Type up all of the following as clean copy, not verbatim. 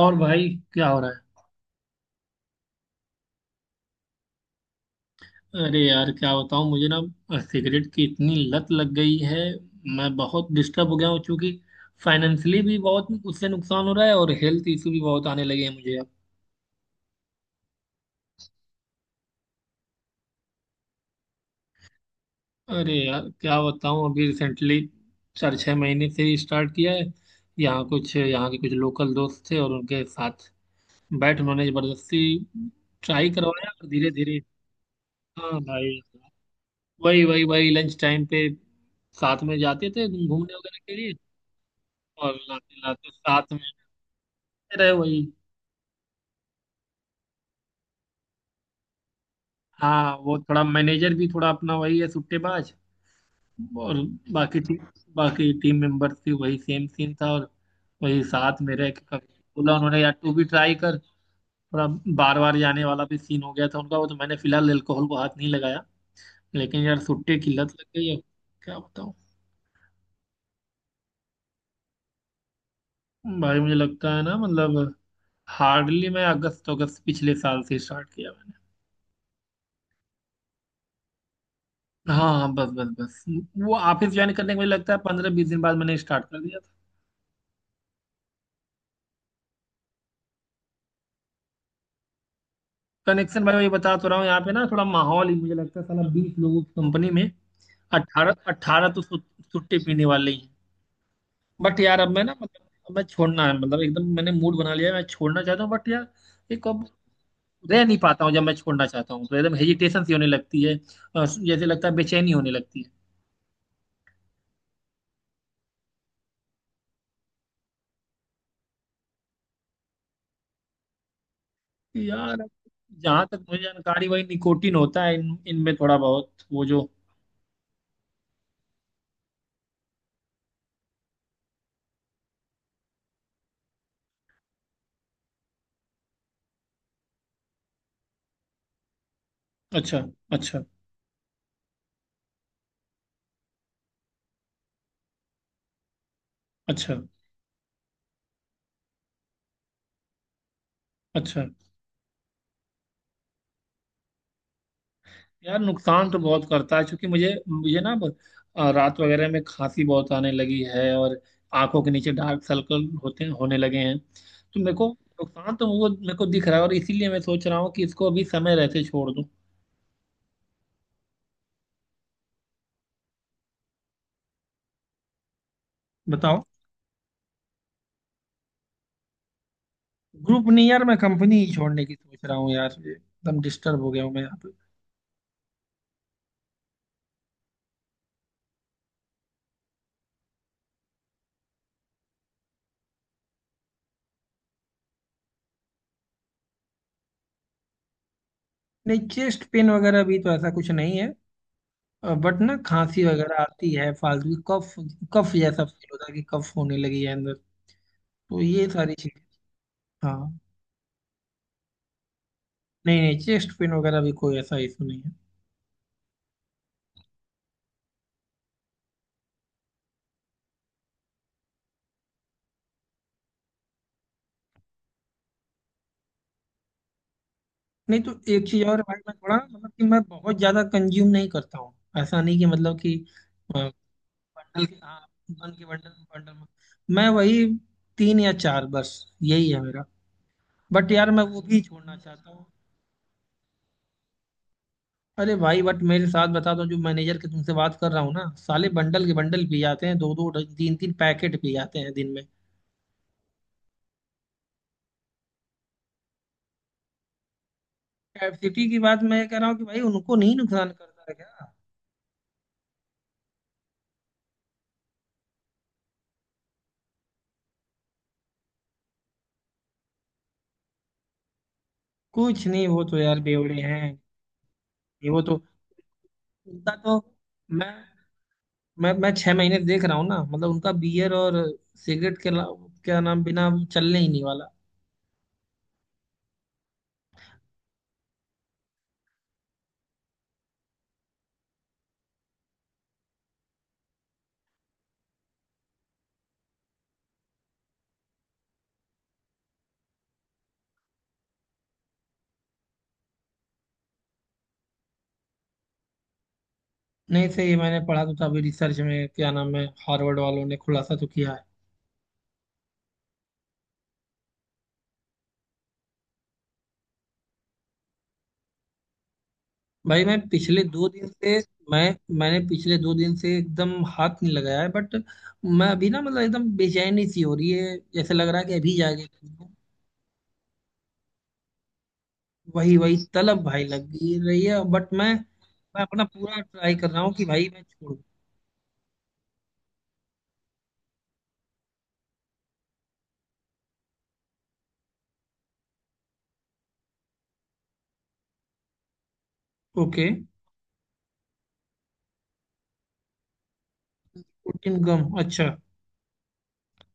और भाई, क्या हो रहा है? अरे यार, क्या बताऊं, मुझे ना सिगरेट की इतनी लत लग गई है। मैं बहुत डिस्टर्ब हो गया हूँ, क्योंकि फाइनेंशियली भी बहुत उससे नुकसान हो रहा है और हेल्थ इशू भी बहुत आने लगे हैं मुझे अब। अरे यार क्या बताऊं, अभी रिसेंटली 4-6 महीने से ही स्टार्ट किया है। यहाँ कुछ, यहाँ के कुछ लोकल दोस्त थे और उनके साथ बैठ उन्होंने जबरदस्ती ट्राई करवाया, और धीरे धीरे। हाँ भाई। वही वही वही लंच टाइम पे साथ में जाते थे घूमने वगैरह के लिए, और लाते लाते साथ में रहे वही। हाँ वो थोड़ा मैनेजर भी थोड़ा अपना वही है, सुट्टेबाज। और बाकी टीम, बाकी टीम मेंबर्स भी वही सेम सीन था। और वही साथ में रह के कभी बोला उन्होंने, यार तू भी ट्राई कर थोड़ा। बार बार जाने वाला भी सीन हो गया था उनका। वो तो मैंने फिलहाल एल्कोहल को हाथ नहीं लगाया, लेकिन यार सुट्टे की लत लग गई है। क्या बताऊँ। भाई मुझे लगता है ना, मतलब हार्डली मैं अगस्त, अगस्त पिछले साल से स्टार्ट किया मैंने। हाँ हाँ, बस बस बस वो ऑफिस ज्वाइन करने के मुझे लगता है 15-20 दिन बाद मैंने स्टार्ट कर दिया था। कनेक्शन भाई वही बता तो रहा हूँ, यहाँ पे ना थोड़ा माहौल ही, मुझे लगता है साला 20 लोगों की कंपनी में अट्ठारह अट्ठारह तो सुट्टी पीने वाले ही हैं। बट यार अब मैं ना, मतलब अब मैं छोड़ना है, मतलब एकदम मैंने मूड बना लिया है, मैं छोड़ना चाहता हूँ, बट यार एक अब रह नहीं पाता हूँ। जब मैं छोड़ना चाहता हूँ तो एकदम हेजिटेशन सी होने लगती है। जैसे लगता है बेचैनी होने लगती है कि यार अब। जहाँ तक मुझे जानकारी, वही निकोटिन होता है इन इनमें थोड़ा बहुत वो जो। अच्छा अच्छा। अच्छा अच्छा। यार नुकसान तो बहुत करता है, क्योंकि मुझे, रात वगैरह में खांसी बहुत आने लगी है, और आंखों के नीचे डार्क सर्कल होते, होने लगे हैं तो मेरे को नुकसान तो वो मेरे को दिख रहा है। और इसीलिए मैं सोच रहा हूँ कि इसको अभी समय रहते छोड़ दूँ। बताओ। ग्रुप नहीं यार, मैं कंपनी ही छोड़ने की सोच रहा हूँ यार। एकदम डिस्टर्ब हो गया हूँ मैं यहाँ पे। नहीं, चेस्ट पेन वगैरह भी तो ऐसा कुछ नहीं है, बट ना खांसी वगैरह आती है फालतू की। कफ, कफ जैसा फील होता है कि कफ होने लगी है अंदर। तो ये सारी चीज। हाँ। नहीं नहीं, चेस्ट पेन वगैरह भी कोई ऐसा इशू नहीं है। नहीं तो एक चीज और है भाई, मैं थोड़ा मतलब कि मैं बहुत ज्यादा कंज्यूम नहीं करता हूँ। ऐसा नहीं कि मतलब कि अ, बंडल के, हाँ। बन के बंडल बंडल में मैं वही 3 या 4, बस। यही है मेरा। बट यार मैं वो भी छोड़ना चाहता हूँ। अरे भाई, बट मेरे साथ बता दो, जो मैनेजर के तुमसे बात कर रहा हूँ ना, साले बंडल के बंडल पी जाते हैं, 2-2 3-3 पैकेट पी जाते हैं दिन में। कैपेसिटी की बात मैं कह रहा हूँ कि भाई उनको नहीं नुकसान करता है क्या? कुछ नहीं, वो तो यार बेवड़े हैं। नहीं वो तो, उनका तो मैं मैं मैं 6 महीने से देख रहा हूँ ना, मतलब उनका बियर और सिगरेट के ला- क्या नाम, बिना चलने ही नहीं वाला। नहीं सही है, मैंने पढ़ा तो था अभी रिसर्च में, क्या नाम है, हार्वर्ड वालों ने खुलासा तो किया है। भाई मैं पिछले 2 दिन से, मैं मैंने पिछले 2 दिन से एकदम हाथ नहीं लगाया है। बट मैं अभी ना, मतलब एकदम बेचैनी सी हो रही है, जैसे लग रहा है कि अभी जाके पी लूं। वही वही तलब भाई लग रही है, बट मैं अपना पूरा ट्राई कर रहा हूँ कि भाई मैं छोड़ू। ओके। कोटिन गम, अच्छा।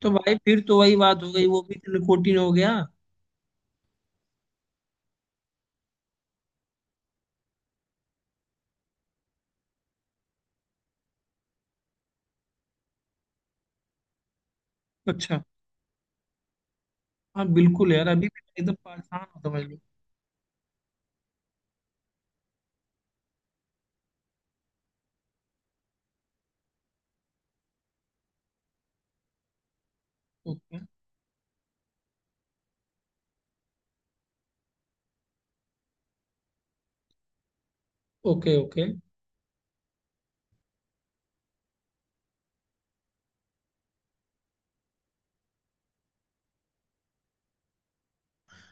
तो भाई फिर तो वही बात हो गई, वो भी निकोटिन हो गया। अच्छा। हाँ बिल्कुल यार, अभी भी एकदम परेशान हो समझ लो। Okay okay okay.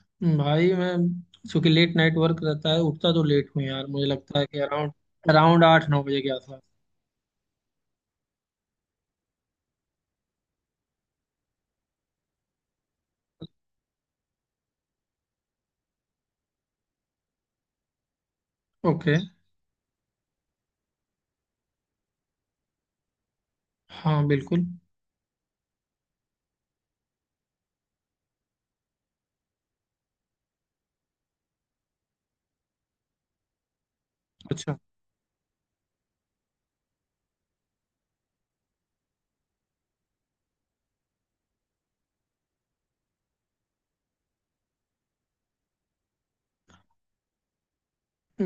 भाई मैं चूंकि लेट नाइट वर्क रहता है, उठता तो लेट हूँ यार, मुझे लगता है कि अराउंड, अराउंड 8-9 बजे के आसपास। ओके। हाँ बिल्कुल। अच्छा।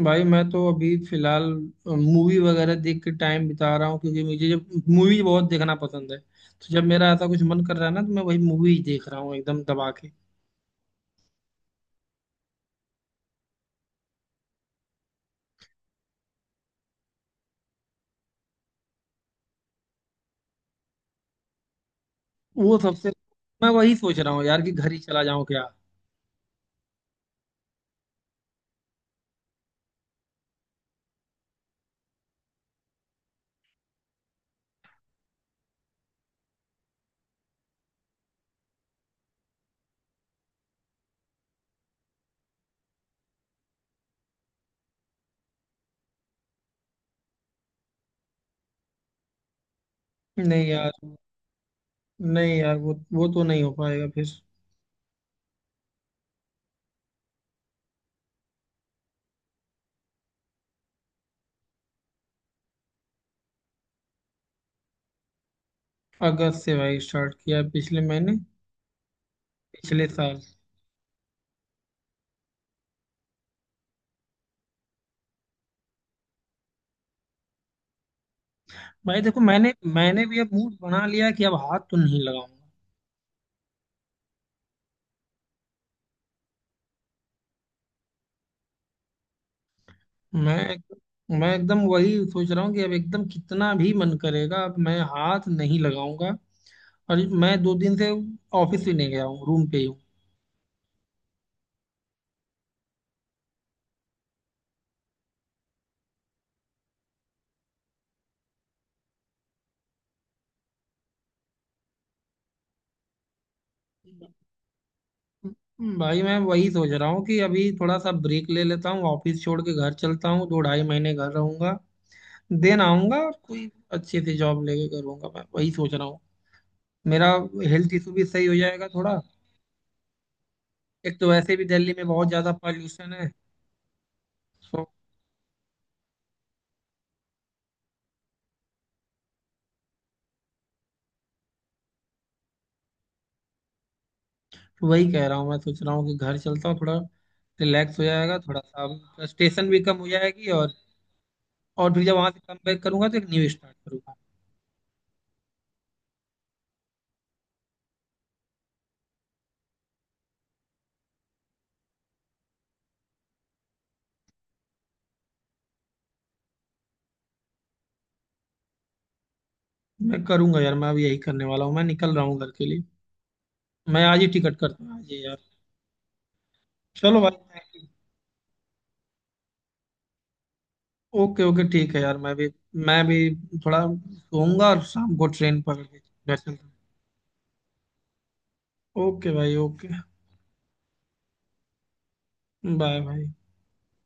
भाई मैं तो अभी फिलहाल मूवी वगैरह देख के टाइम बिता रहा हूँ, क्योंकि मुझे जब, मूवी बहुत देखना पसंद है, तो जब मेरा ऐसा कुछ मन कर रहा है ना तो मैं वही मूवी देख रहा हूँ एकदम दबा के। वो सबसे, मैं वही सोच रहा हूँ यार कि घर ही चला जाऊं क्या। नहीं यार। नहीं यार वो तो नहीं हो पाएगा फिर। अगस्त से भाई स्टार्ट किया पिछले महीने, पिछले साल। भाई देखो, मैंने मैंने भी अब मूड बना लिया कि अब हाथ तो नहीं लगाऊंगा। मैं एक- मैं एकदम वही सोच रहा हूँ कि अब एकदम कितना भी मन करेगा, अब मैं हाथ नहीं लगाऊंगा। और मैं 2 दिन से ऑफिस भी नहीं गया हूँ, रूम पे ही हूँ। भाई मैं वही सोच रहा हूँ कि अभी थोड़ा सा ब्रेक ले लेता हूँ, ऑफिस छोड़ के घर चलता हूँ, 2-2.5 महीने घर रहूंगा। देन आऊंगा और कोई अच्छे से जॉब लेके करूंगा, मैं वही सोच रहा हूँ। मेरा हेल्थ इशू भी सही हो जाएगा थोड़ा। एक तो वैसे भी दिल्ली में बहुत ज्यादा पॉल्यूशन है। सो वही कह रहा हूँ, मैं सोच रहा हूँ कि घर चलता हूँ, थोड़ा रिलैक्स हो जाएगा थोड़ा सा, फ्रस्ट्रेशन भी कम हो जाएगी। और फिर जब वहां से कम बैक करूंगा, तो एक न्यू स्टार्ट करूंगा। मैं करूंगा यार, मैं अब यही करने वाला हूँ, मैं निकल रहा हूँ घर के लिए। मैं आज ही टिकट करता हूँ आज ही यार। चलो भाई। ओके ओके ठीक है यार, मैं भी थोड़ा सोऊंगा और शाम को ट्रेन पकड़ के घर चलता हूँ। ओके भाई ओके। बाय भाई।